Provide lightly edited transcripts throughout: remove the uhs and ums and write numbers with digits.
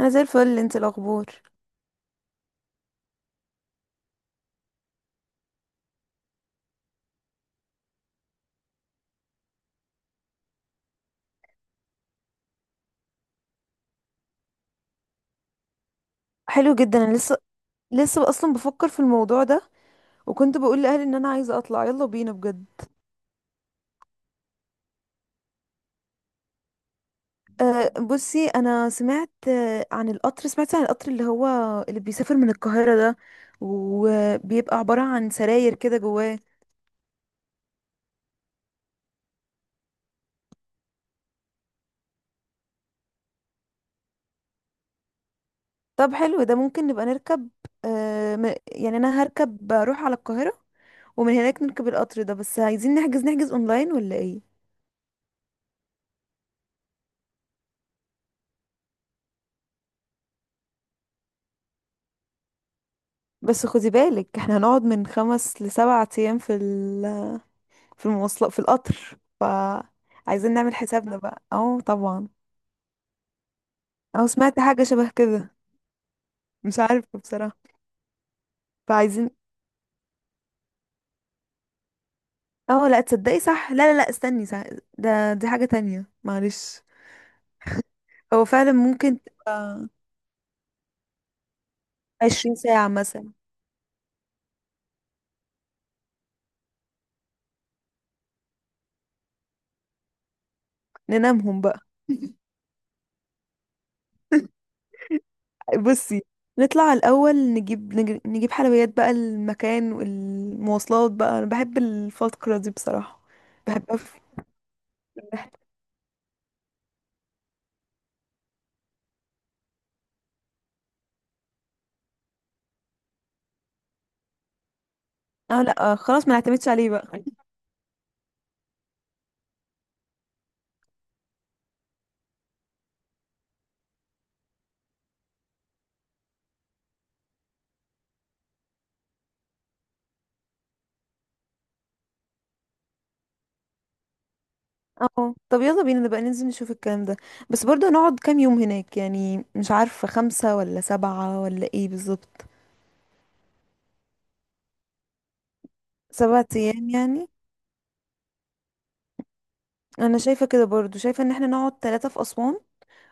انا زي الفل. انت الاخبار؟ حلو جدا. انا لسه اصلا بفكر في الموضوع ده، وكنت بقول لاهلي ان انا عايزه اطلع. يلا بينا بجد. أه، بصي، انا سمعت عن القطر. سمعت عن القطر اللي هو اللي بيسافر من القاهره ده، وبيبقى عباره عن سراير كده جواه. طب حلو ده، ممكن نبقى نركب. أه، يعني انا هركب اروح على القاهره، ومن هناك نركب القطر ده. بس عايزين نحجز اونلاين ولا ايه؟ بس خدي بالك، احنا هنقعد من 5 ل7 ايام في المواصلات في القطر، فعايزين نعمل حسابنا بقى. اه طبعا. اه، سمعت حاجة شبه كده. مش عارفة بصراحة. فعايزين... اه لا تصدقي، صح، لا لا لا استني، صح. ده دي حاجة تانية، معلش. هو فعلا ممكن تبقى 20 ساعة مثلا. ننامهم بقى. بصي، نطلع الأول، نجيب حلويات بقى المكان والمواصلات بقى. أنا بحب الفترة دي بصراحة. بحب أف- اه لا، خلاص ما نعتمدش عليه بقى. اه طب يلا بينا، نبقى ننزل نشوف الكلام ده. بس برضه هنقعد كام يوم هناك يعني؟ مش عارفة، 5 ولا 7 ولا ايه بالظبط. 7 ايام يعني. انا شايفة كده، برضه شايفة ان احنا نقعد 3 في اسوان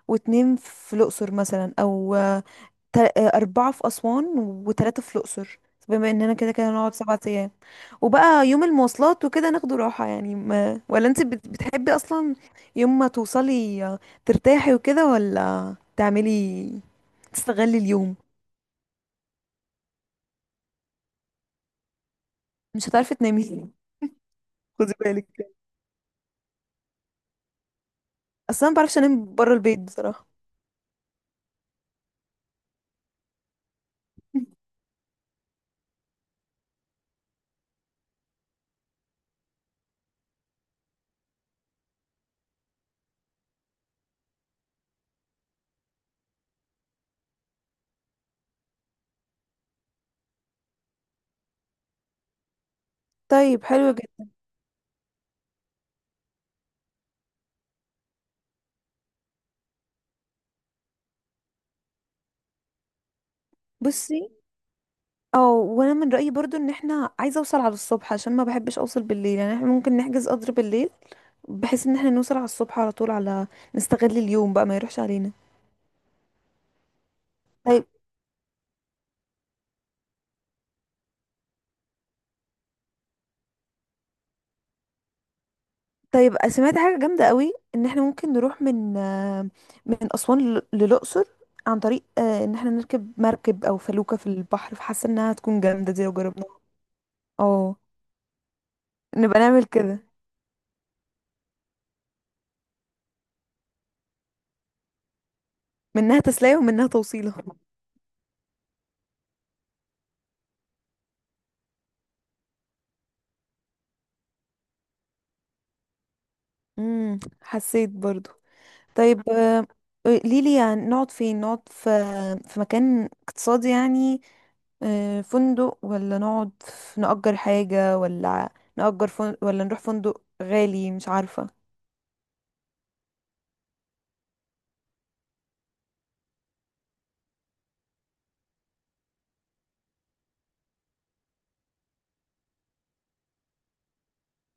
و2 في الاقصر مثلا، او 4 في اسوان و3 في الاقصر، بما اننا كده كده هنقعد 7 ايام. وبقى يوم المواصلات وكده ناخده راحة يعني، ما، ولا انت بتحبي اصلا يوم ما توصلي ترتاحي وكده، ولا تعملي تستغلي اليوم؟ مش هتعرفي تنامي. خدي بالك، اصلا ما بعرفش انام بره البيت بصراحه. طيب حلو جدا. بصي، او وانا من رايي برضو ان احنا عايزه اوصل على الصبح، عشان ما بحبش اوصل بالليل. يعني احنا ممكن نحجز قدر بالليل بحيث ان احنا نوصل على الصبح على طول، على نستغل اليوم بقى، ما يروحش علينا. طيب. طيب سمعت حاجه جامده قوي ان احنا ممكن نروح من من اسوان للاقصر عن طريق ان احنا نركب مركب او فلوكه في البحر، فحاسه انها هتكون جامده دي لو جربناها. اه، نبقى نعمل كده. منها تسلية ومنها توصيلة. حسيت برضو. طيب، قوليلي يعني نقعد فين. نقعد في مكان اقتصادي يعني، فندق، ولا نقعد نأجر حاجة، ولا نأجر فندق، ولا نروح فندق غالي؟ مش عارفة.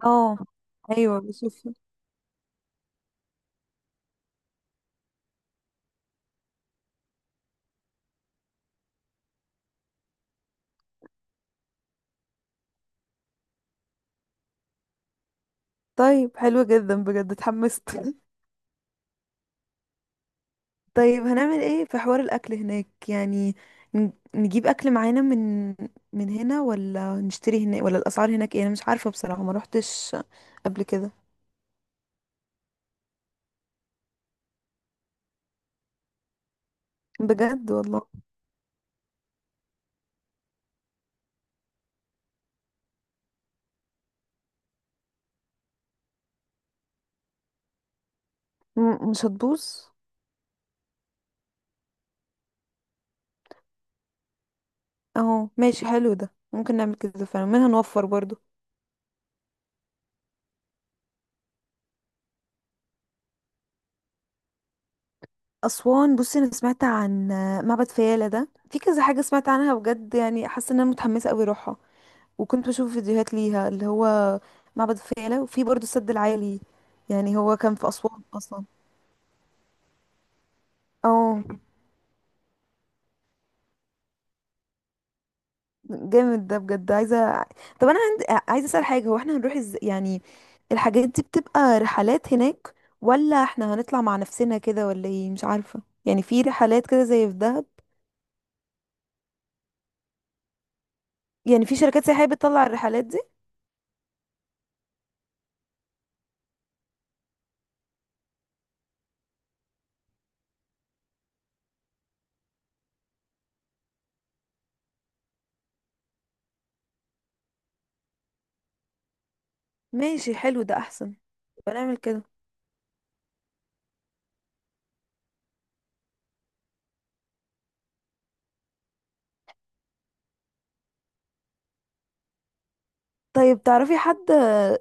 اه ايوه بشوف. طيب حلو جدا بجد، اتحمست. طيب هنعمل ايه في حوار الاكل هناك يعني؟ نجيب اكل معانا من هنا، ولا نشتري هناك، ولا الاسعار هناك ايه؟ انا مش عارفه بصراحه، ما روحتش قبل كده بجد والله. مش هتبوظ. اهو ماشي، حلو ده، ممكن نعمل كده فعلا. منها نوفر برضو. اسوان، بصي انا سمعت عن معبد فيلة ده، في كذا حاجه سمعت عنها بجد. يعني حاسه ان انا متحمسه قوي اروحها. وكنت بشوف فيديوهات ليها، اللي هو معبد فيلة، وفي برضو السد العالي. يعني هو كان في اسوان اصلا. اه جامد ده بجد، عايزه. طب انا عندي عايزه اسال حاجه، هو احنا هنروح ازاي يعني؟ الحاجات دي بتبقى رحلات هناك، ولا احنا هنطلع مع نفسنا كده، ولا ايه؟ مش عارفه. يعني في رحلات كده زي في دهب؟ يعني في شركات سياحيه بتطلع الرحلات دي؟ ماشي حلو ده احسن. يبقى نعمل كده. طيب تعرفي حد،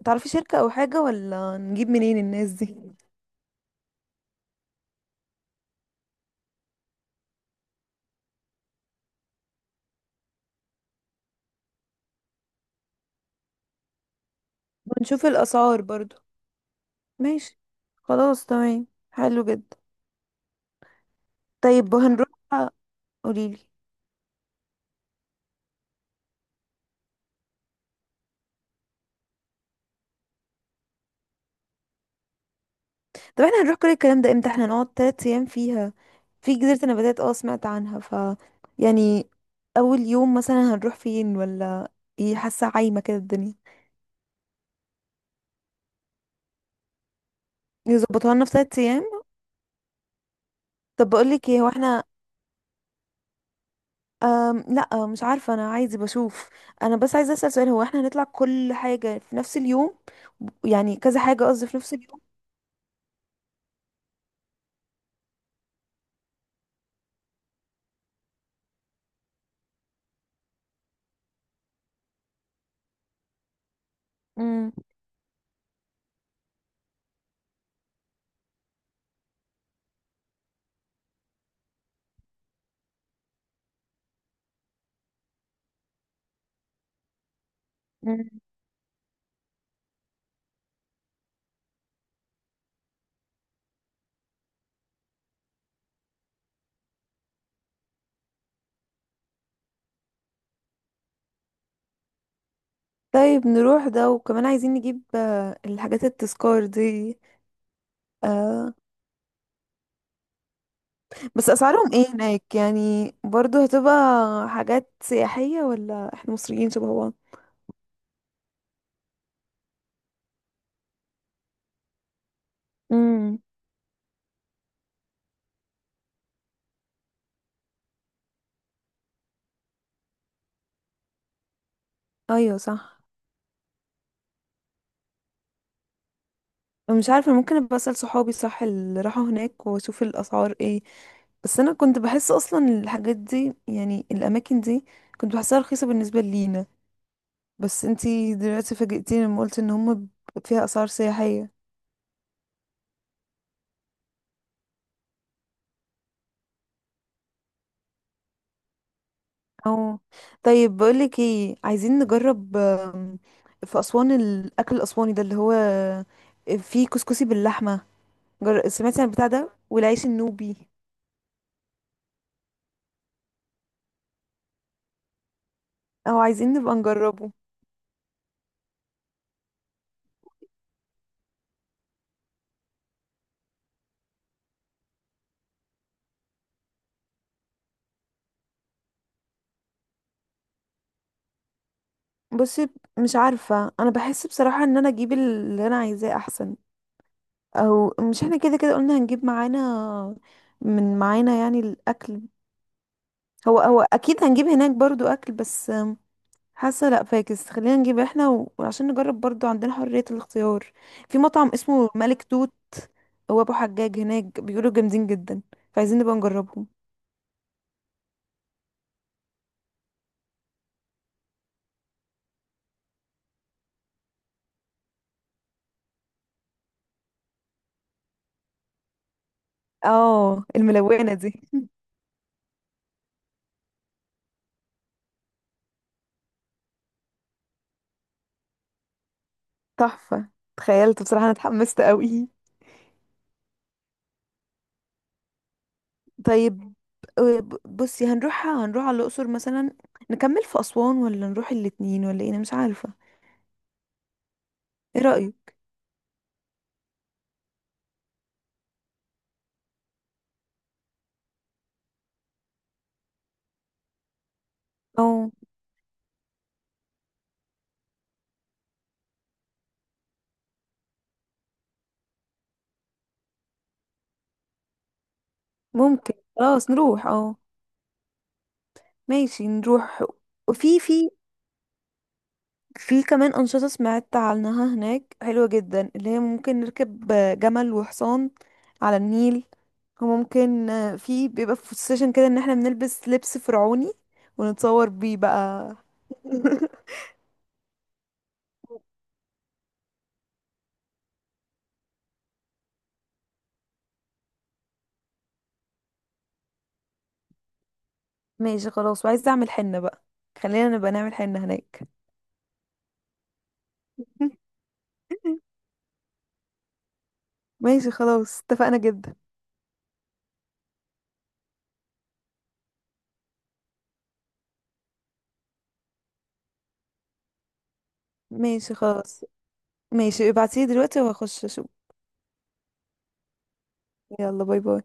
تعرفي شركه او حاجه، ولا نجيب منين الناس دي؟ ونشوف الاسعار برضو. ماشي. خلاص تمام، حلو جدا. طيب هنروح، قوليلي. طب احنا هنروح كل الكلام ده امتى؟ احنا نقعد 3 ايام فيها في جزيرة النباتات. اه سمعت عنها. ف يعني اول يوم مثلا هنروح فين، ولا ايه؟ حاسة عايمة كده الدنيا. يظبطوها لنا في 3 ايام. طب بقولك ايه، هو احنا، لا مش عارفة، انا عايزة بشوف. انا بس عايزة اسأل سؤال، هو احنا هنطلع كل حاجة في نفس اليوم؟ يعني كذا حاجة قصدي في نفس اليوم. مم. مم. طيب نروح ده، وكمان عايزين نجيب الحاجات التذكار دي. آه، بس اسعارهم ايه هناك؟ يعني برضو هتبقى حاجات سياحية، ولا احنا مصريين شبه بعض؟ امم. ايوه صح. مش عارفة، ممكن ابقى اسأل صحابي، صح، اللي راحوا هناك واشوف الاسعار ايه. بس انا كنت بحس اصلا الحاجات دي، يعني الاماكن دي، كنت بحسها رخيصة بالنسبة لينا. بس انتي دلوقتي فاجئتيني لما قلت ان هم فيها اسعار سياحية. اه. طيب بقولك ايه، عايزين نجرب في أسوان الأكل الأسواني ده اللي هو فيه كسكسي باللحمة. سمعتي عن البتاع ده والعيش النوبي؟ او عايزين نبقى نجربه. بصي مش عارفة، انا بحس بصراحة ان انا اجيب اللي انا عايزاه احسن. او مش احنا كده كده قلنا هنجيب معانا، من معانا يعني الاكل. هو هو اكيد هنجيب هناك برضو اكل، بس حاسه لا، فاكس خلينا نجيب احنا وعشان نجرب برضو، عندنا حريه الاختيار. في مطعم اسمه ملك توت، هو ابو حجاج هناك بيقولوا جامدين جدا، فعايزين نبقى نجربهم. اه الملونه دي. تحفه. تخيلت بصراحه، انا اتحمست قوي. طيب بصي، هنروح على الاقصر مثلا، نكمل في اسوان، ولا نروح الاتنين، ولا ايه؟ انا مش عارفه. ايه رايك؟ اه ممكن، خلاص نروح اه، ماشي نروح. وفي في في كمان أنشطة سمعت عنها هناك حلوة جدا، اللي هي ممكن نركب جمل وحصان على النيل. وممكن في، بيبقى في السيشن كده ان احنا بنلبس لبس فرعوني، ونتصور بيه بقى. ماشي خلاص، وعايزة اعمل حنة بقى، خلينا نبقى نعمل حنة هناك. ماشي خلاص، اتفقنا جدا. ماشي خلاص. ماشي، ابعتيلي دلوقتي وهخش اشوف. يلا باي باي.